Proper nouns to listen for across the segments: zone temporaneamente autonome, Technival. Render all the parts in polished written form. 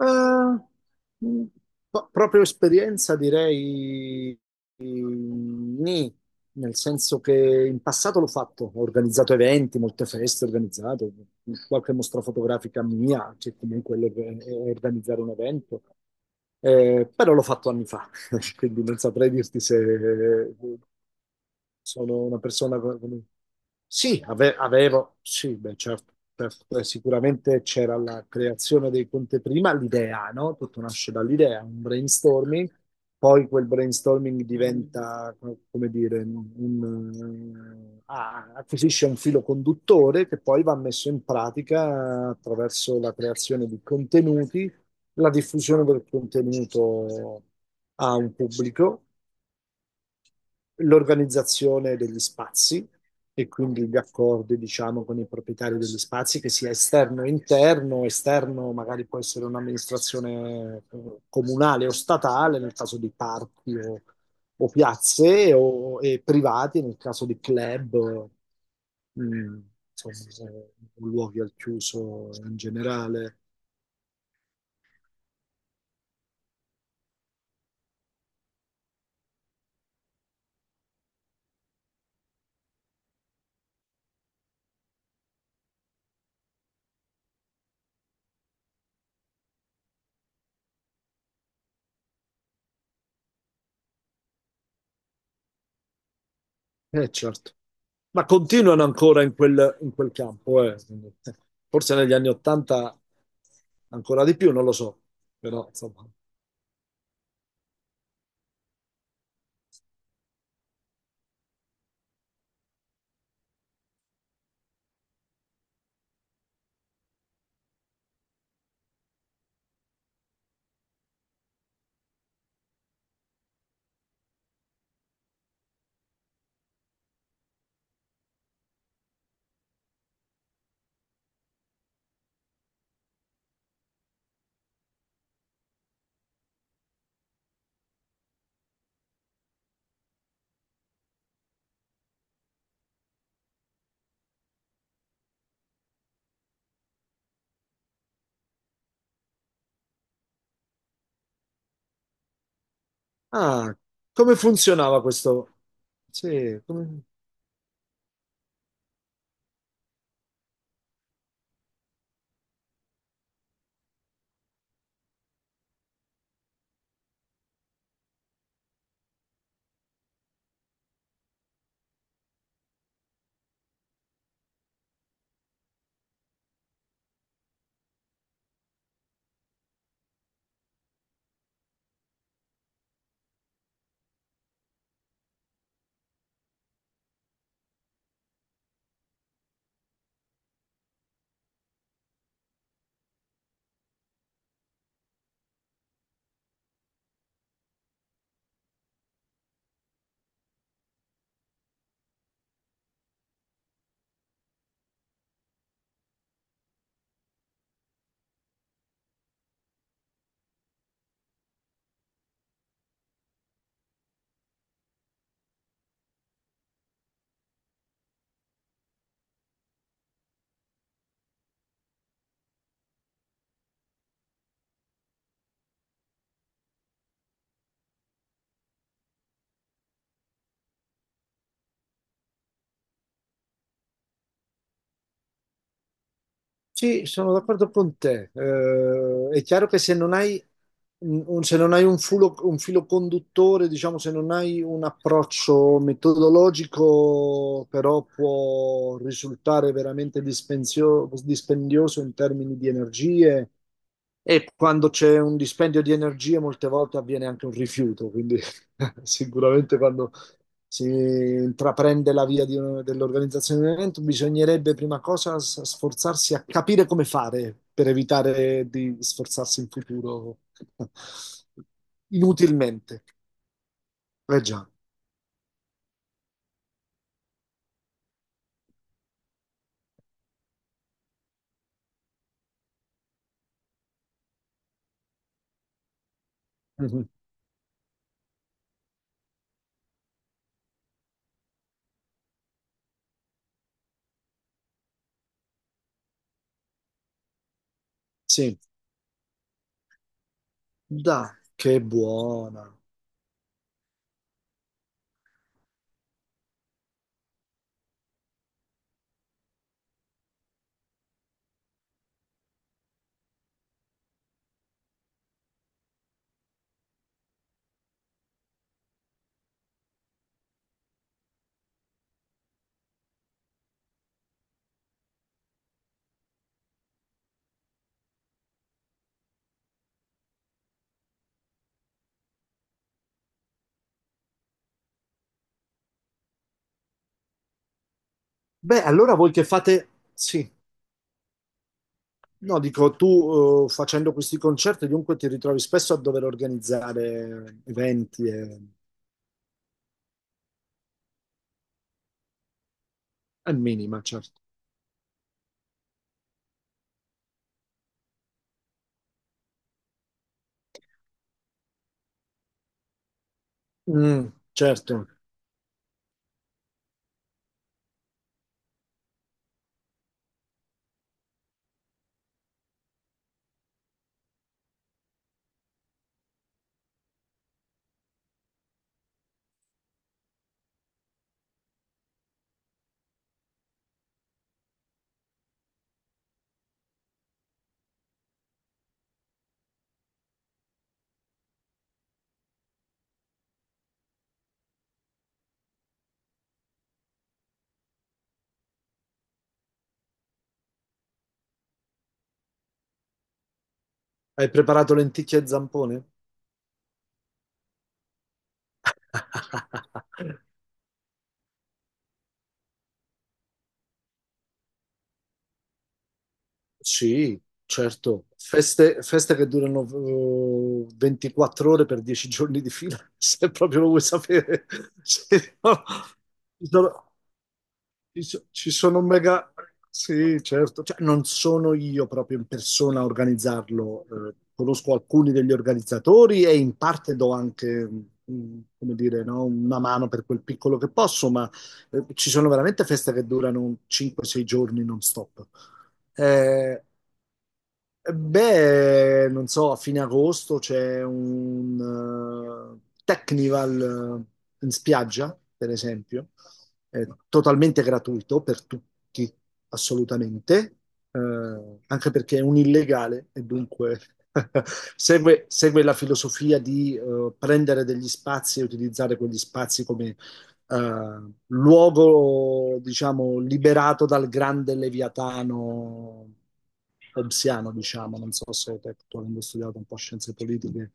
Eh, mh, no, proprio esperienza direi nì, nel senso che in passato l'ho fatto, ho organizzato eventi, molte feste, ho organizzato qualche mostra fotografica mia, che comunque è organizzare un evento. Però l'ho fatto anni fa, quindi non saprei dirti se sono una persona... Sì, avevo, sì, beh, certo, certo. Sicuramente c'era la creazione dei conti prima, l'idea, no? Tutto nasce dall'idea, un brainstorming, poi quel brainstorming diventa, come dire, un, acquisisce un filo conduttore che poi va messo in pratica attraverso la creazione di contenuti, la diffusione del contenuto a un pubblico, l'organizzazione degli spazi e quindi gli accordi, diciamo, con i proprietari degli spazi, che sia esterno e interno. Esterno magari può essere un'amministrazione comunale o statale, nel caso di parchi o piazze, o e privati, nel caso di club, eh, mm, insomma, luoghi al chiuso in generale. Certo. Ma continuano ancora in quel campo, eh. Forse negli anni Ottanta ancora di più, non lo so, però insomma. Ah, come funzionava questo? Sì, sì, sono d'accordo con te. È chiaro che se non hai se non hai un un filo conduttore, diciamo, se non hai un approccio metodologico, però può risultare veramente dispendioso in termini di energie. E quando c'è un dispendio di energie, molte volte avviene anche un rifiuto, quindi sicuramente quando si intraprende la via di dell'organizzazione di un evento, bisognerebbe prima cosa sforzarsi a capire come fare per evitare di sforzarsi in futuro inutilmente. Eh già. Mhm. Sì, da, che buona. Beh, allora voi che fate? Sì. No, dico, tu facendo questi concerti dunque ti ritrovi spesso a dover organizzare eventi e... al minima, certo. Mm, certo. Hai preparato lenticchie e zampone? Sì, certo. Feste, feste che durano 24 ore per 10 giorni di fila, se proprio lo vuoi sapere. Sì, no. Ci sono- ci sono mega... Sì, certo. Cioè, non sono io proprio in persona a organizzarlo, conosco alcuni degli organizzatori e in parte do anche, come dire, no, una mano per quel piccolo che posso, ma ci sono veramente feste che durano 5-6 giorni non stop. Eh, Beh, non so, a fine agosto c'è un Technival in spiaggia, per esempio, è totalmente gratuito per tutti, assolutamente, anche perché è un illegale e dunque segue la filosofia di prendere degli spazi e utilizzare quegli spazi come luogo, diciamo, liberato dal grande leviatano hobbesiano, diciamo, non so se te, tu avendo studiato un po' scienze politiche,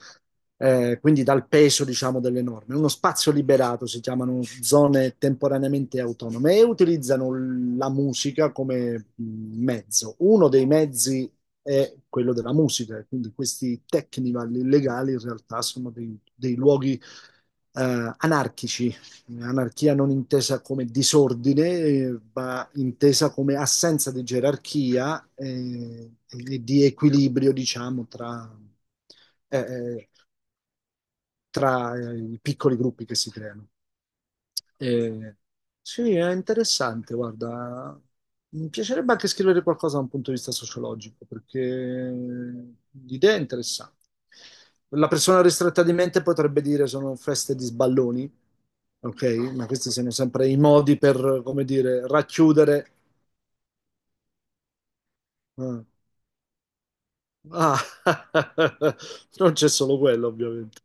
quindi dal peso, diciamo, delle norme. Uno spazio liberato si chiamano zone temporaneamente autonome e utilizzano la musica come mezzo. Uno dei mezzi è quello della musica, quindi questi technival illegali in realtà sono dei luoghi anarchici. Anarchia non intesa come disordine, ma intesa come assenza di gerarchia e di equilibrio, diciamo, tra, eh, eh, i piccoli gruppi che si creano. Eh, sì, è interessante, guarda. Mi piacerebbe anche scrivere qualcosa da un punto di vista sociologico, perché l'idea è interessante. La persona ristretta di mente potrebbe dire sono feste di sballoni, ok? Ma questi sono sempre i modi per, come dire, racchiudere. Ah, ah, non c'è solo quello, ovviamente.